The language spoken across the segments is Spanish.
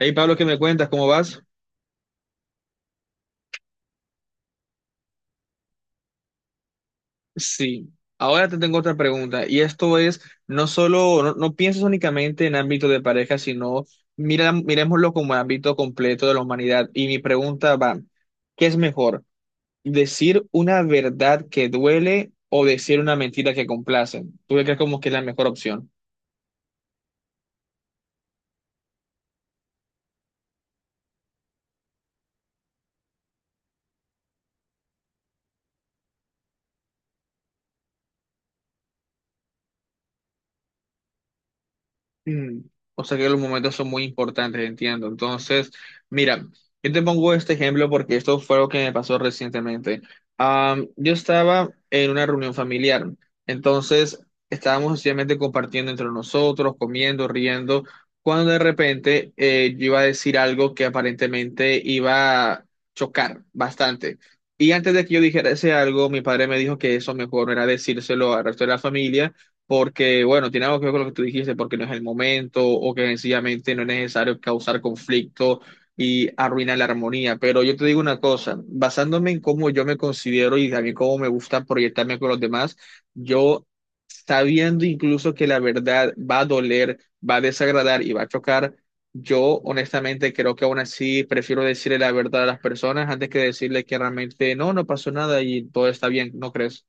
Hey Pablo, ¿qué me cuentas? ¿Cómo vas? Sí. Ahora te tengo otra pregunta y esto es, no solo, no, no pienses únicamente en ámbito de pareja, sino mira, miremoslo como ámbito completo de la humanidad. Y mi pregunta va, ¿qué es mejor? ¿Decir una verdad que duele o decir una mentira que complace? ¿Tú qué crees como que es la mejor opción? Mm, O sea que los momentos son muy importantes, entiendo. Entonces, mira, yo te pongo este ejemplo porque esto fue lo que me pasó recientemente. Yo estaba en una reunión familiar, entonces estábamos sencillamente compartiendo entre nosotros, comiendo, riendo, cuando de repente yo iba a decir algo que aparentemente iba a chocar bastante. Y antes de que yo dijera ese algo, mi padre me dijo que eso mejor no era decírselo al resto de la familia porque, bueno, tiene algo que ver con lo que tú dijiste, porque no es el momento o que sencillamente no es necesario causar conflicto y arruinar la armonía. Pero yo te digo una cosa, basándome en cómo yo me considero y también cómo me gusta proyectarme con los demás, yo sabiendo incluso que la verdad va a doler, va a desagradar y va a chocar. Yo honestamente creo que aún así prefiero decirle la verdad a las personas antes que decirle que realmente no pasó nada y todo está bien, ¿no crees?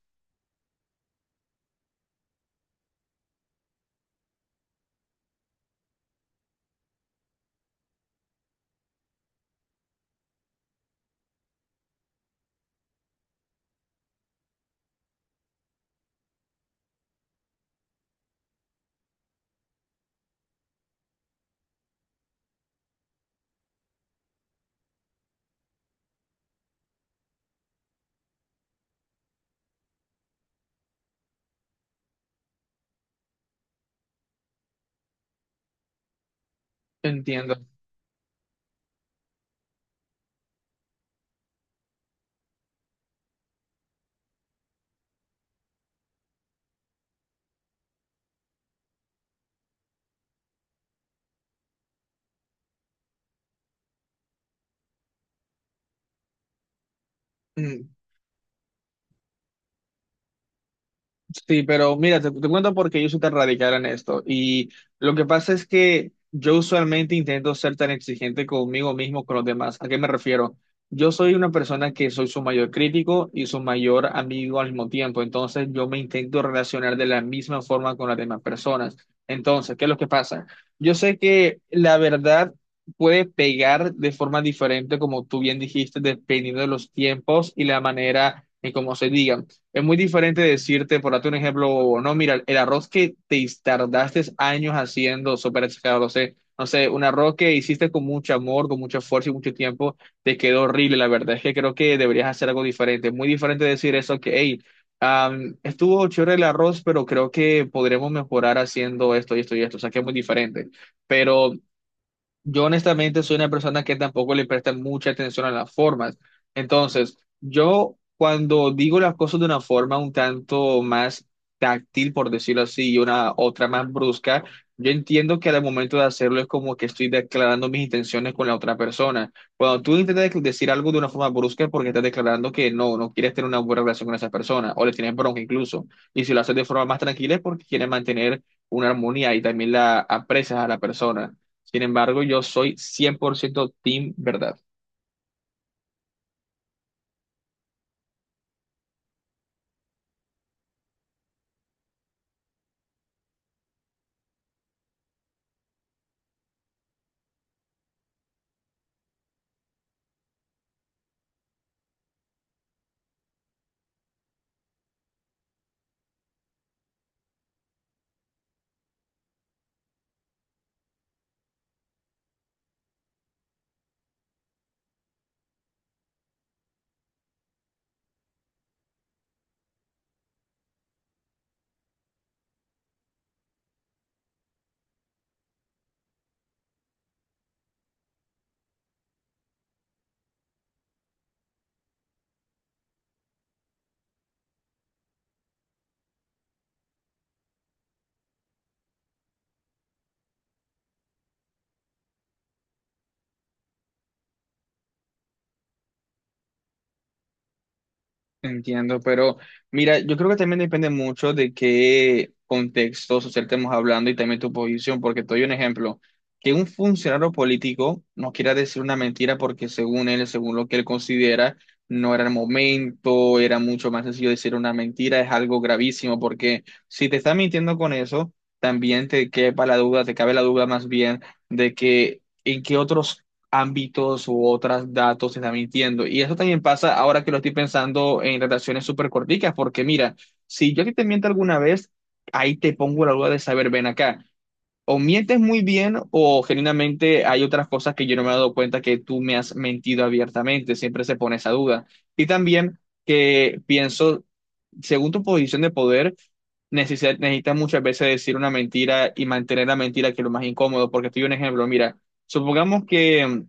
Entiendo. Mm. Sí, pero mira, te cuento porque yo soy tan radical en esto. Y lo que pasa es que yo usualmente intento ser tan exigente conmigo mismo, con los demás. ¿A qué me refiero? Yo soy una persona que soy su mayor crítico y su mayor amigo al mismo tiempo. Entonces, yo me intento relacionar de la misma forma con las demás personas. Entonces, ¿qué es lo que pasa? Yo sé que la verdad puede pegar de forma diferente, como tú bien dijiste, dependiendo de los tiempos y la manera en cómo se diga. Es muy diferente decirte, por darte un ejemplo, no, mira, el arroz que te tardaste años haciendo, súper exagerado, no sé, no sé, un arroz que hiciste con mucho amor, con mucho esfuerzo y mucho tiempo, te quedó horrible. La verdad es que creo que deberías hacer algo diferente. Es muy diferente decir eso que, hey, estuvo chévere el arroz, pero creo que podremos mejorar haciendo esto y esto y esto. O sea, que es muy diferente. Pero yo honestamente soy una persona que tampoco le presta mucha atención a las formas. Entonces, yo cuando digo las cosas de una forma un tanto más táctil, por decirlo así, y una otra más brusca, yo entiendo que al momento de hacerlo es como que estoy declarando mis intenciones con la otra persona. Cuando tú intentas decir algo de una forma brusca es porque estás declarando que no quieres tener una buena relación con esa persona o le tienes bronca incluso. Y si lo haces de forma más tranquila es porque quieres mantener una armonía y también la aprecias a la persona. Sin embargo, yo soy 100% team verdad. Entiendo, pero mira, yo creo que también depende mucho de qué contexto social estemos hablando y también tu posición, porque te doy un ejemplo. Que un funcionario político no quiera decir una mentira porque según él, según lo que él considera, no era el momento, era mucho más sencillo decir una mentira, es algo gravísimo, porque si te está mintiendo con eso, también te quepa la duda, te cabe la duda más bien de que en qué otros ámbitos u otros datos se está mintiendo. Y eso también pasa ahora que lo estoy pensando en relaciones súper corticas, porque mira, si yo a ti te miento alguna vez, ahí te pongo la duda de saber, ven acá, o mientes muy bien o genuinamente hay otras cosas que yo no me he dado cuenta que tú me has mentido abiertamente, siempre se pone esa duda. Y también que pienso, según tu posición de poder, necesitas muchas veces decir una mentira y mantener la mentira, que es lo más incómodo, porque te doy un ejemplo, mira, supongamos que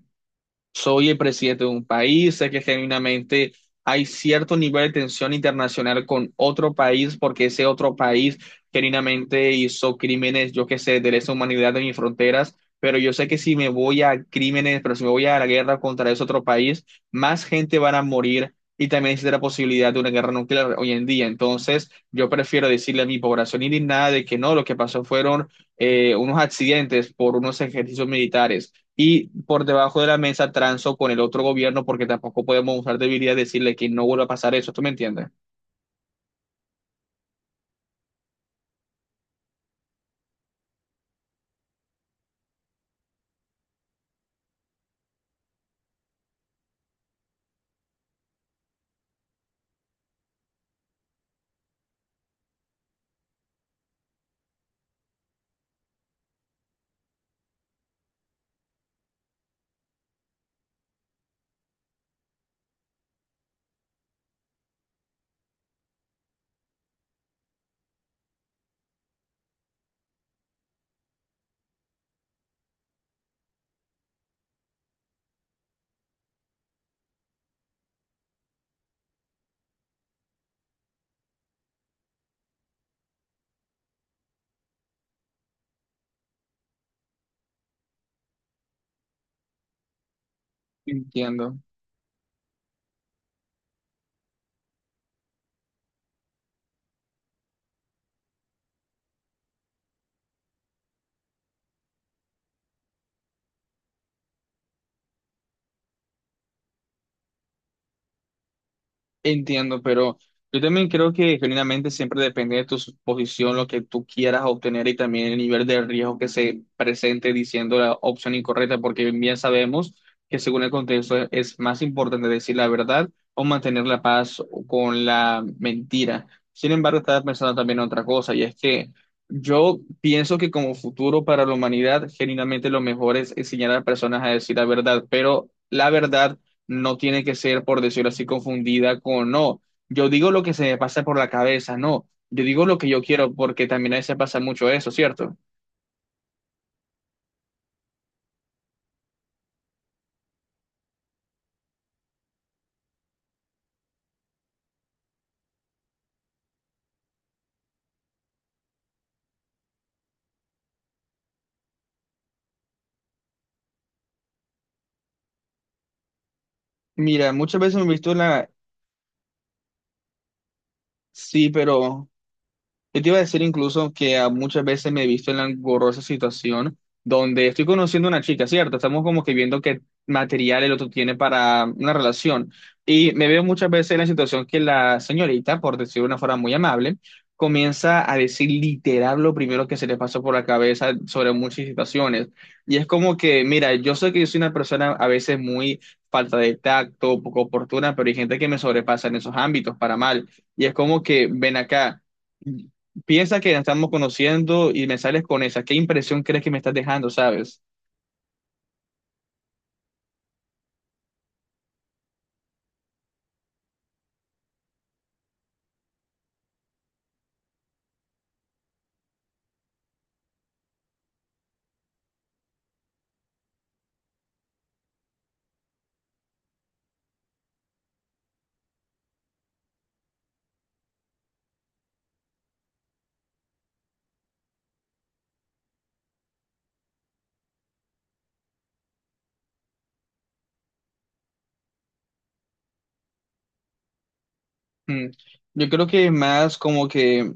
soy el presidente de un país, sé que genuinamente hay cierto nivel de tensión internacional con otro país porque ese otro país genuinamente hizo crímenes, yo qué sé, de lesa humanidad en mis fronteras, pero yo sé que si me voy a crímenes, pero si me voy a la guerra contra ese otro país, más gente van a morir. Y también existe la posibilidad de una guerra nuclear hoy en día. Entonces, yo prefiero decirle a mi población indignada de que no, lo que pasó fueron unos accidentes por unos ejercicios militares y por debajo de la mesa transo con el otro gobierno porque tampoco podemos usar debilidad y decirle que no vuelva a pasar eso. ¿Tú me entiendes? Entiendo. Entiendo, pero yo también creo que genuinamente siempre depende de tu posición, lo que tú quieras obtener y también el nivel de riesgo que se presente diciendo la opción incorrecta, porque bien sabemos que según el contexto es más importante decir la verdad o mantener la paz con la mentira. Sin embargo, estaba pensando también en otra cosa, y es que yo pienso que como futuro para la humanidad, genuinamente lo mejor es enseñar a las personas a decir la verdad, pero la verdad no tiene que ser, por decirlo así, confundida con no. Yo digo lo que se me pasa por la cabeza, no. Yo digo lo que yo quiero, porque también a veces pasa mucho eso, ¿cierto? Mira, muchas veces me he visto la... Sí, pero yo te iba a decir incluso que muchas veces me he visto en la engorrosa situación donde estoy conociendo a una chica, ¿cierto? Estamos como que viendo qué material el otro tiene para una relación. Y me veo muchas veces en la situación que la señorita, por decirlo de una forma muy amable, comienza a decir literal lo primero que se le pasó por la cabeza sobre muchas situaciones. Y es como que, mira, yo sé que yo soy una persona a veces muy falta de tacto, poco oportuna, pero hay gente que me sobrepasa en esos ámbitos para mal. Y es como que, ven acá, piensa que nos estamos conociendo y me sales con esa. ¿Qué impresión crees que me estás dejando, sabes? Mm. Yo creo que más como que,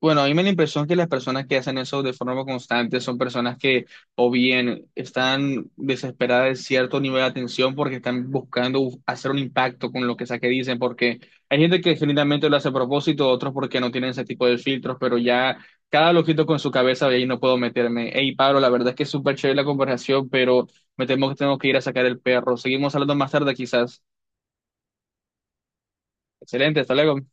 bueno, a mí me da la impresión que las personas que hacen eso de forma constante son personas que o bien están desesperadas de cierto nivel de atención porque están buscando hacer un impacto con lo que sea que dicen, porque hay gente que genuinamente lo hace a propósito, otros porque no tienen ese tipo de filtros, pero ya cada loquito con su cabeza, ahí no puedo meterme. Hey, Pablo, la verdad es que es súper chévere la conversación, pero me temo que tengo que ir a sacar el perro. Seguimos hablando más tarde quizás. Excelente, hasta luego.